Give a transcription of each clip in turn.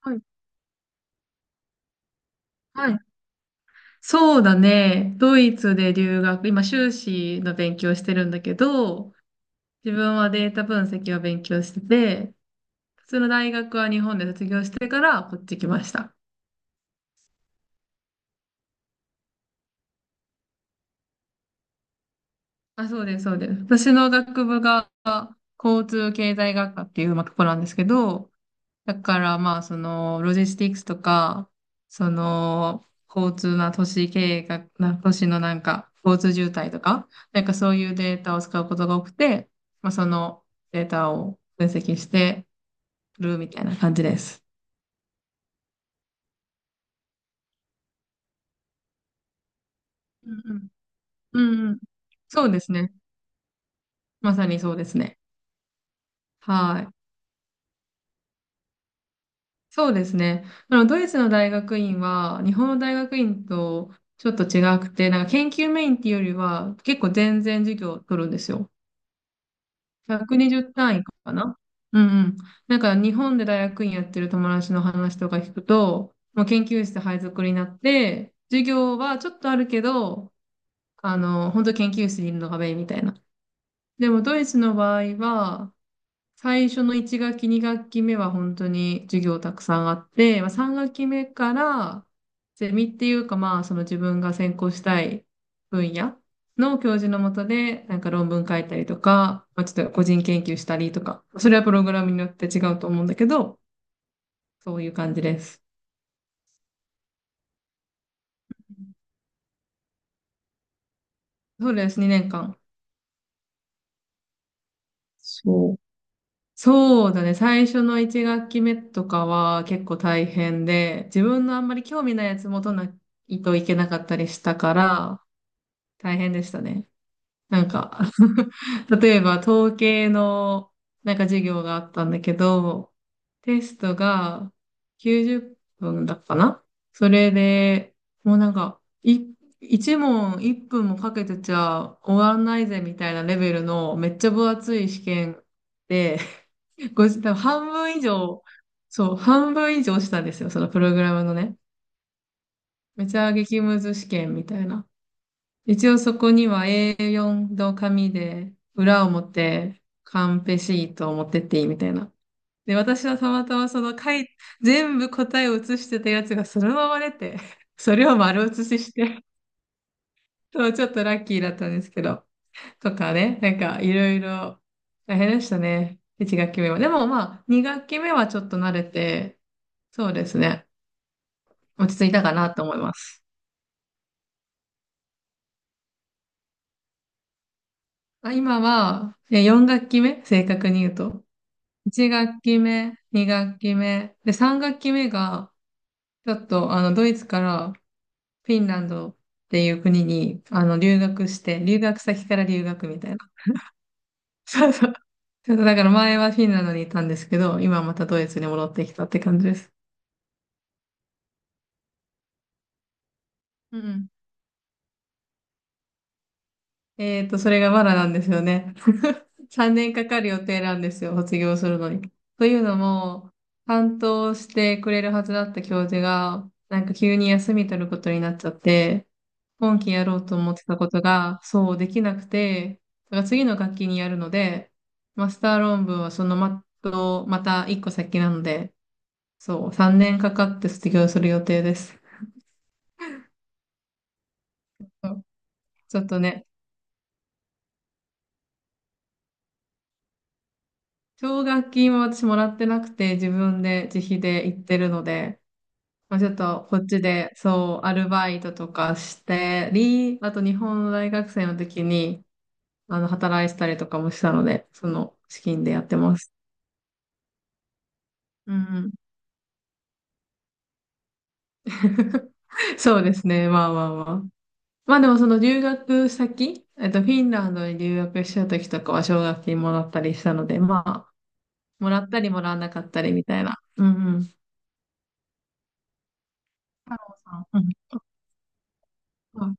はい。はい、そうだね。ドイツで留学、今修士の勉強してるんだけど、自分はデータ分析を勉強してて、普通の大学は日本で卒業してからこっち来ました。あ、そうです、そうです。私の学部が交通経済学科っていうまあとこなんですけど、だからまあ、ロジスティックスとか、その、交通な都市経営が、な、都市のなんか、交通渋滞とか、なんかそういうデータを使うことが多くて、まあ、そのデータを分析してるみたいな感じです。うんうん。うんうん。そうですね。まさにそうですね。はい。そうですね。あの、ドイツの大学院は、日本の大学院とちょっと違くて、なんか研究メインっていうよりは、結構全然授業を取るんですよ。120単位かな。うんうん。なんか日本で大学院やってる友達の話とか聞くと、もう研究室配属になって、授業はちょっとあるけど、あの、本当研究室にいるのがメインみたいな。でもドイツの場合は、最初の1学期、2学期目は本当に授業たくさんあって、まあ、3学期目からゼミっていうかまあその自分が専攻したい分野の教授のもとでなんか論文書いたりとか、まあ、ちょっと個人研究したりとか、それはプログラムによって違うと思うんだけど、そういう感じです。そうです、2年間。そう。そうだね。最初の1学期目とかは結構大変で、自分のあんまり興味ないやつもとないといけなかったりしたから、大変でしたね。なんか、例えば統計のなんか授業があったんだけど、テストが90分だったかな。それで、もう1問1分もかけてちゃ終わんないぜみたいなレベルのめっちゃ分厚い試験で、多分半分以上、そう、半分以上したんですよ、そのプログラムのね。めちゃ激ムズ試験みたいな。一応そこには A4 の紙で、裏表、カンペシートを持ってっていいみたいな。で、私はたまたまその書い、全部答えを写してたやつがそのまま出て、それを丸写しして、そう、ちょっとラッキーだったんですけど、とかね、なんかいろいろ大変でしたね。1学期目は。でもまあ、2学期目はちょっと慣れて、そうですね、落ち着いたかなと思います。あ、今は、4学期目、正確に言うと。1学期目、2学期目、で、3学期目が、ちょっと、あの、ドイツからフィンランドっていう国に、あの、留学して、留学先から留学みたいな。そうそう。ちょっとだから前はフィンランドにいたんですけど、今またドイツに戻ってきたって感じです。うん。えっと、それがまだなんですよね。3年かかる予定なんですよ、卒業するのに。というのも、担当してくれるはずだった教授が、なんか急に休み取ることになっちゃって、今期やろうと思ってたことが、そうできなくて、だから次の学期にやるので、マスター論文はそのまと、また一個先なので、そう、3年かかって卒業する予定です。そう、ちょっとね、奨学金は私もらってなくて、自分で自費で行ってるので、まあ、ちょっとこっちで、そう、アルバイトとかしてり、あと日本の大学生の時に、あの、働いてたりとかもしたので、その資金でやってます。うんうん。そうですね。まあまあまあ。まあでもその留学先、フィンランドに留学した時とかは奨学金もらったりしたので、まあ、もらったりもらわなかったりみたいな。うんうん。太郎さん。うん、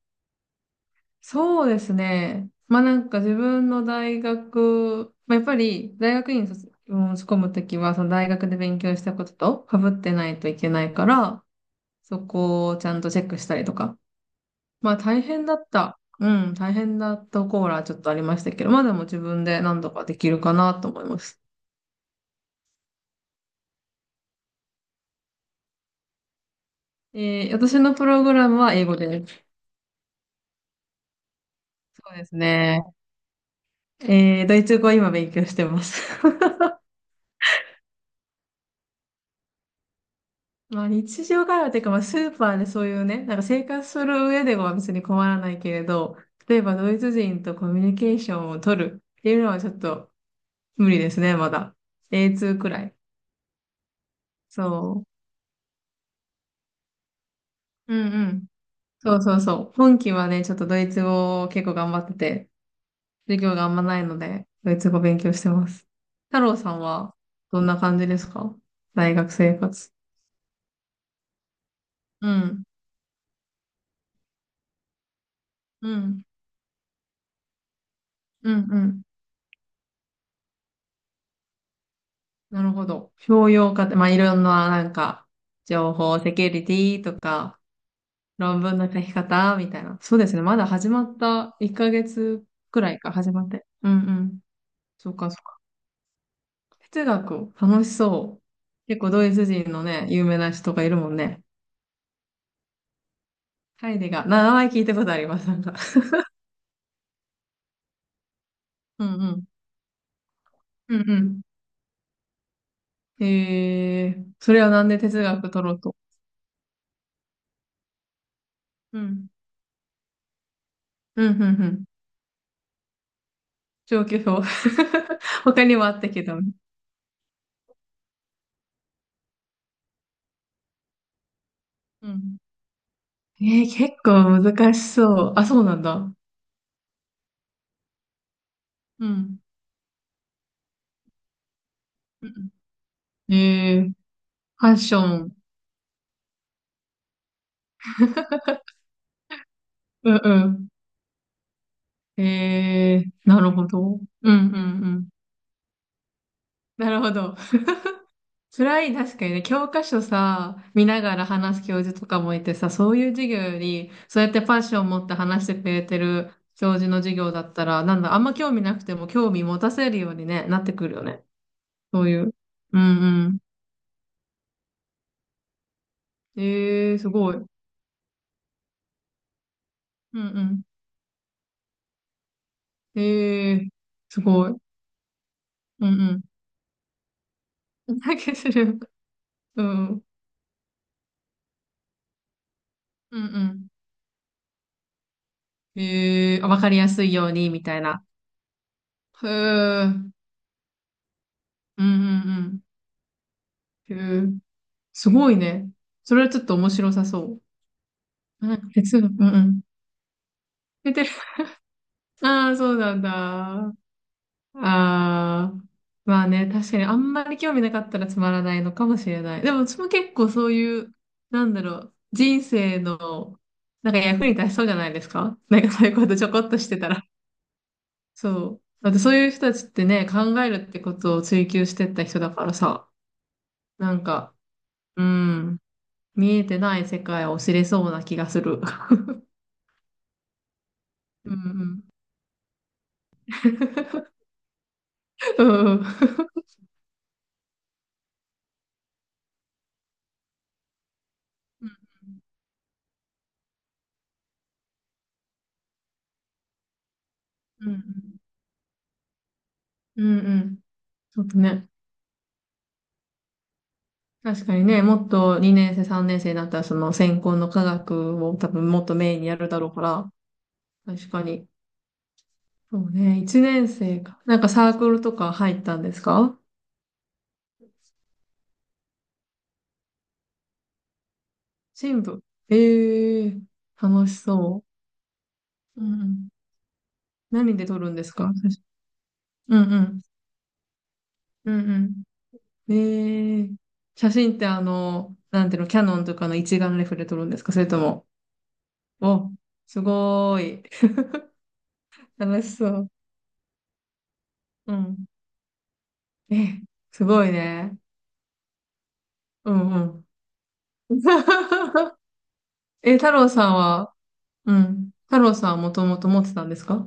そうですね。まあなんか自分の大学、まあ、やっぱり大学院に申込むときは、その大学で勉強したことと被ってないといけないから、そこをちゃんとチェックしたりとか。まあ大変だった。うん、大変だったコーラちょっとありましたけど、まあでも自分で何とかできるかなと思います。私のプログラムは英語です。そうですね。ドイツ語は今勉強してます。まあ日常会話っていうか、まあスーパーでそういうね、なんか生活する上では別に困らないけれど、例えばドイツ人とコミュニケーションを取るっていうのはちょっと無理ですね、まだ。A2 くらい。そう。うんうん。そうそうそう。本期はね、ちょっとドイツ語を結構頑張ってて、授業があんまないので、ドイツ語勉強してます。太郎さんはどんな感じですか、大学生活。うん。うん。うんうん。なるほど。評量家って、まあ、いろんな、なんか、情報、セキュリティとか、論文の書き方みたいな。そうですね。まだ始まった1ヶ月くらいか、始まって。うんうん。そうか、そうか。哲学、楽しそう。結構ドイツ人のね、有名な人がいるもんね。ハイデガー。名前聞いたことあります、なんか。うんうん。うんうん。へえ、それはなんで哲学取ろうと。うん。うんうんうん。状況表。他にもあったけど。うん。えー、結構難しそう。あ、そうなんだ。うん。うん。えー、ファッション。うんうん。えー、なるほど。うんうんうん。なるほど。辛い、確かにね、教科書さ、見ながら話す教授とかもいてさ、そういう授業より、そうやってパッションを持って話してくれてる教授の授業だったら、なんだ、あんま興味なくても興味持たせるようにね、なってくるよね。そういう。うん。うんうん。えー、すごい。うんうん。えー、すごい。うんうん。だけする。うん。うんうん。えー、わかりやすいように、みたいな。へえ。うんうんうん。へえ。すごいね。それはちょっと面白さそう。なんか哲学、うんうん。出てる。ああ、そうなんだ。ああ。まあね、確かにあんまり興味なかったらつまらないのかもしれない。でも、うちも結構そういう、なんだろう、人生の、なんか役に立ちそうじゃないですか、なんかそういうことちょこっとしてたら。そう。だってそういう人たちってね、考えるってことを追求してった人だからさ、なんか、うん、見えてない世界を知れそうな気がする。うんうん。うんうん。うんうんうんうんうんうん。ちょっとね、確かにね、もっと2年生、3年生になったら、その専攻の科学を多分もっとメインにやるだろうから、確かに。そうね、1年生か。なんかサークルとか入ったんですか。新部。ええー、楽しそう。うんうん。何で撮るんですか、写真。うんうんうんうん。えー、写真ってあの、なんていうの、キャノンとかの一眼レフで撮るんですか、それとも、お、すごーい。楽しそう。うん。え、すごいね。うんうん。え、太郎さんは、うん。太郎さんはもともと持ってたんですか。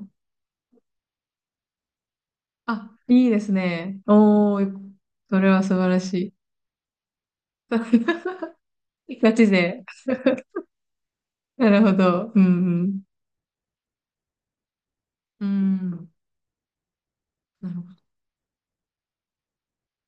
あ、いいですね。おー、それは素晴らしい。ガチで。なるほど。うんうん。うん。なるほど。